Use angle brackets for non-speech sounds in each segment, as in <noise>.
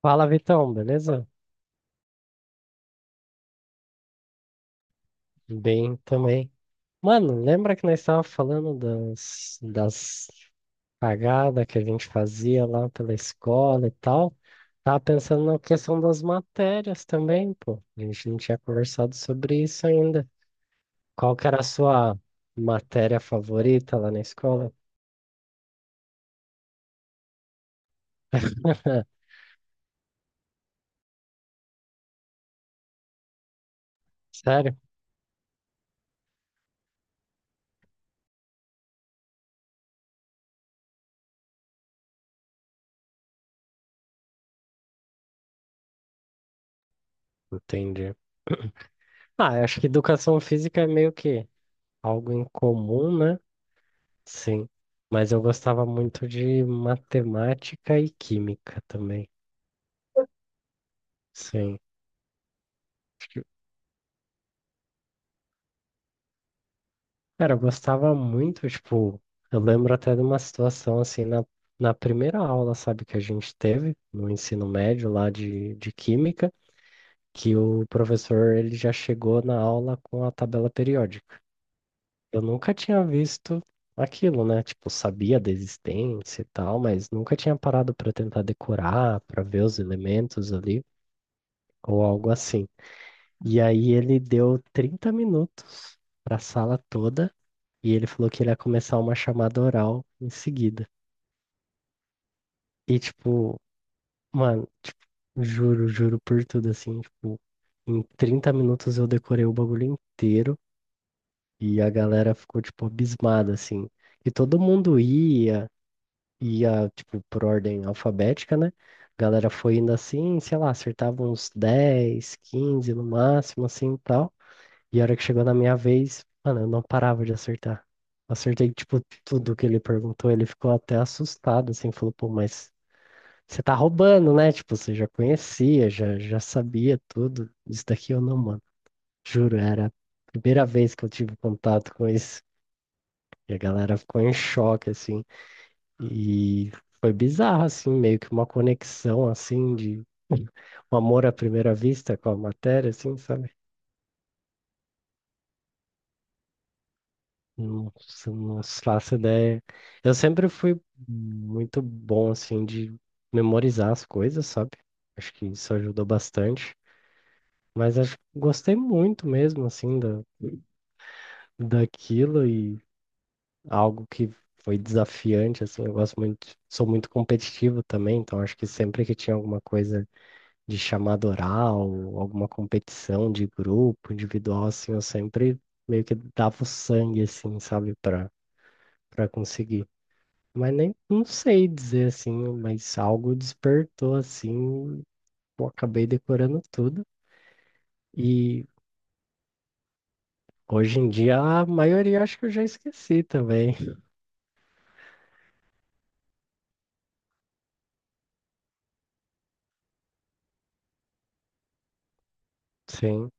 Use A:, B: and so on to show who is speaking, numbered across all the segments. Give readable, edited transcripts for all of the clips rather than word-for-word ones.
A: Fala, Vitão, beleza? Bem também. Mano, lembra que nós estávamos falando das cagadas que a gente fazia lá pela escola e tal? Tava pensando na questão das matérias também, pô. A gente não tinha conversado sobre isso ainda. Qual que era a sua matéria favorita lá na escola? <laughs> Sério? Entendi. Ah, eu acho que educação física é meio que algo em comum, né? Sim, mas eu gostava muito de matemática e química também. Sim. Acho que- Cara, eu gostava muito, tipo, eu lembro até de uma situação assim na primeira aula, sabe, que a gente teve no ensino médio lá de química, que o professor ele já chegou na aula com a tabela periódica. Eu nunca tinha visto aquilo, né? Tipo, sabia da existência e tal, mas nunca tinha parado para tentar decorar, para ver os elementos ali ou algo assim. E aí ele deu 30 minutos para a sala toda e ele falou que ele ia começar uma chamada oral em seguida. E tipo, mano, tipo, juro, juro por tudo assim, tipo, em 30 minutos eu decorei o bagulho inteiro e a galera ficou tipo abismada assim. E todo mundo ia, tipo por ordem alfabética, né? A galera foi indo assim, sei lá, acertava uns 10, 15 no máximo assim, tal. E a hora que chegou na minha vez, mano, eu não parava de acertar. Acertei, tipo, tudo que ele perguntou. Ele ficou até assustado, assim, falou, pô, mas você tá roubando, né? Tipo, você já conhecia, já sabia tudo. Isso daqui eu não, mano. Juro, era a primeira vez que eu tive contato com isso. E a galera ficou em choque, assim. E foi bizarro, assim, meio que uma conexão, assim, de <laughs> um amor à primeira vista com a matéria, assim, sabe? Nossa, não faço ideia. Eu sempre fui muito bom, assim, de memorizar as coisas, sabe? Acho que isso ajudou bastante. Mas acho que gostei muito mesmo, assim, daquilo e algo que foi desafiante, assim. Eu gosto muito, sou muito competitivo também, então acho que sempre que tinha alguma coisa de chamada oral, alguma competição de grupo, individual, assim, eu sempre meio que dava o sangue, assim, sabe, para conseguir. Mas nem não sei dizer assim, mas algo despertou assim, pô, acabei decorando tudo. E hoje em dia a maioria acho que eu já esqueci também. <laughs> Sim.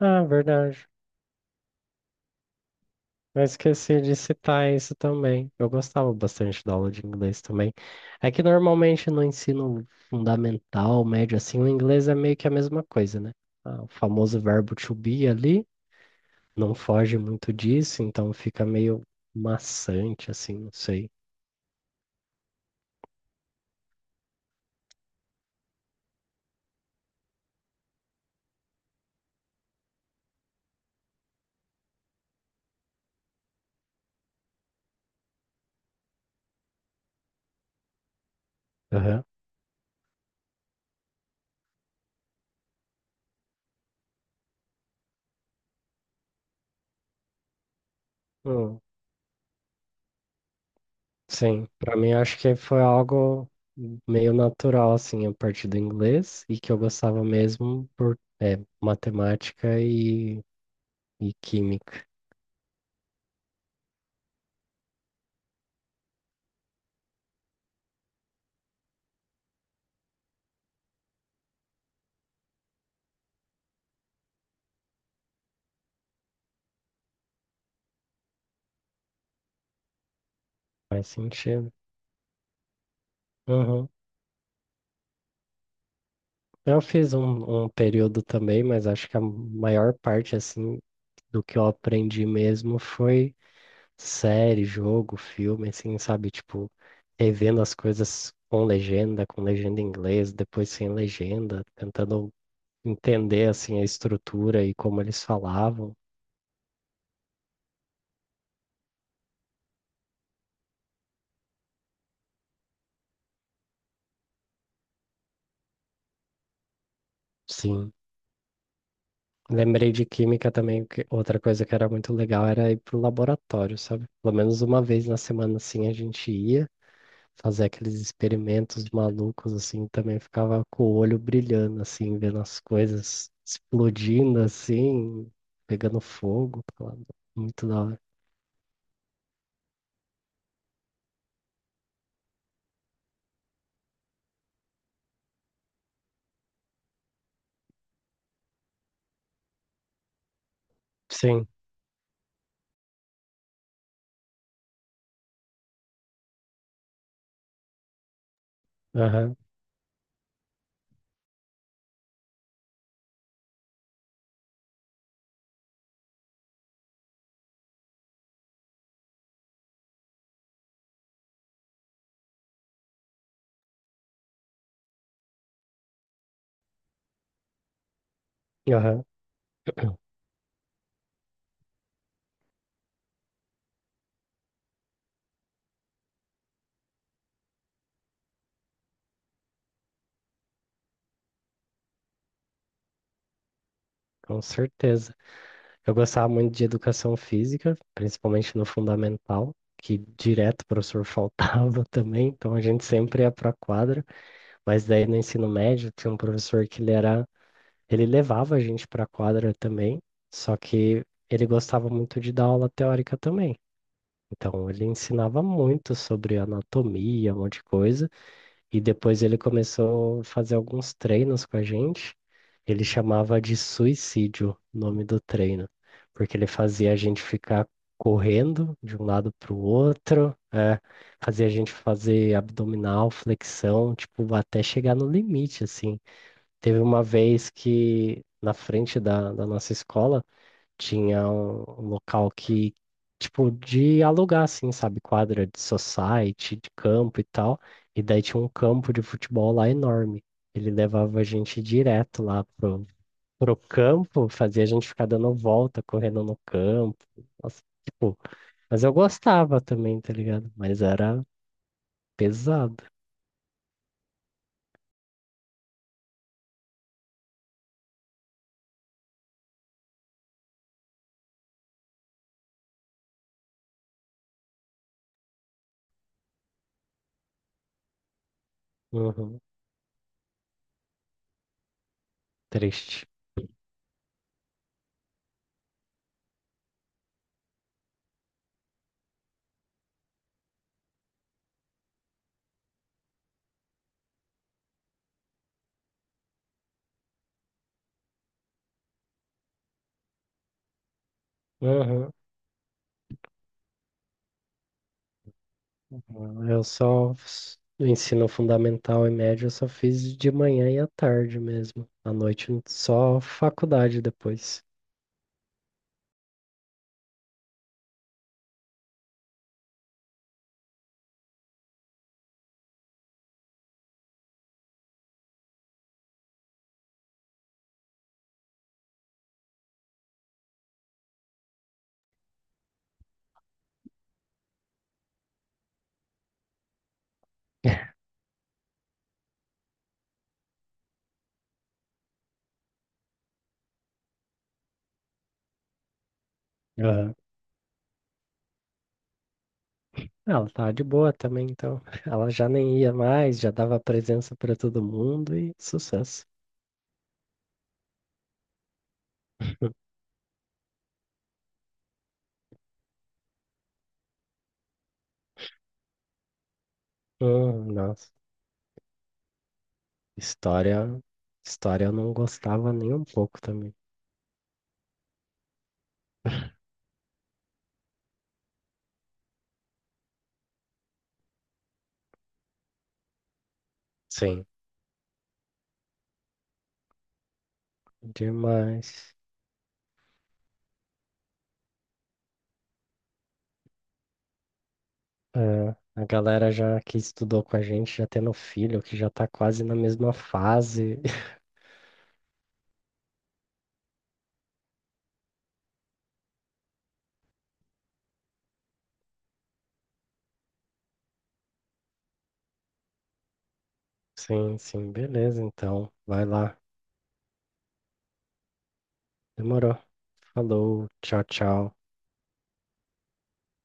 A: Ah, verdade. Eu esqueci de citar isso também. Eu gostava bastante da aula de inglês também. É que normalmente no ensino fundamental, médio, assim, o inglês é meio que a mesma coisa, né? Ah, o famoso verbo to be ali não foge muito disso, então fica meio maçante, assim, não sei. Aham. Hum, Sim, pra mim eu acho que foi algo meio natural, assim, a partir do inglês e que eu gostava mesmo por matemática e química. Faz sentido. Uhum. Eu fiz um período também, mas acho que a maior parte, assim, do que eu aprendi mesmo foi série, jogo, filme, assim, sabe? Tipo, revendo as coisas com legenda em inglês, depois sem legenda, tentando entender assim a estrutura e como eles falavam. Sim. Lembrei de química também, que outra coisa que era muito legal era ir pro laboratório, sabe? Pelo menos uma vez na semana assim a gente ia fazer aqueles experimentos malucos assim, também ficava com o olho brilhando assim, vendo as coisas explodindo assim, pegando fogo, tá muito da hora. Sim, aham, aham, <clears throat> com certeza. Eu gostava muito de educação física, principalmente no fundamental, que direto o professor faltava <laughs> também, então a gente sempre ia para a quadra, mas daí no ensino médio tinha um professor que ele era, ele levava a gente para a quadra também, só que ele gostava muito de dar aula teórica também. Então ele ensinava muito sobre anatomia, um monte de coisa, e depois ele começou a fazer alguns treinos com a gente. Ele chamava de suicídio o nome do treino, porque ele fazia a gente ficar correndo de um lado para o outro, fazia a gente fazer abdominal, flexão, tipo, até chegar no limite, assim. Teve uma vez que na frente da nossa escola tinha um local que, tipo, de alugar, assim, sabe? Quadra de society, de campo e tal. E daí tinha um campo de futebol lá enorme. Ele levava a gente direto lá pro campo, fazia a gente ficar dando volta, correndo no campo. Nossa, tipo, mas eu gostava também, tá ligado? Mas era pesado. Uhum, triste. Uhum. Ensino fundamental e médio, eu só fiz de manhã e à tarde mesmo. À noite só faculdade depois. <laughs> Aham. Ela tava de boa também, então. <laughs> Ela já nem ia mais, já dava presença para todo mundo e sucesso. Nossa. História, História eu não gostava nem um pouco também. Sim, demais. É, a galera já que estudou com a gente, já tendo filho, que já tá quase na mesma fase, sim, sim, beleza, então. Vai lá. Demorou. Falou, tchau, tchau.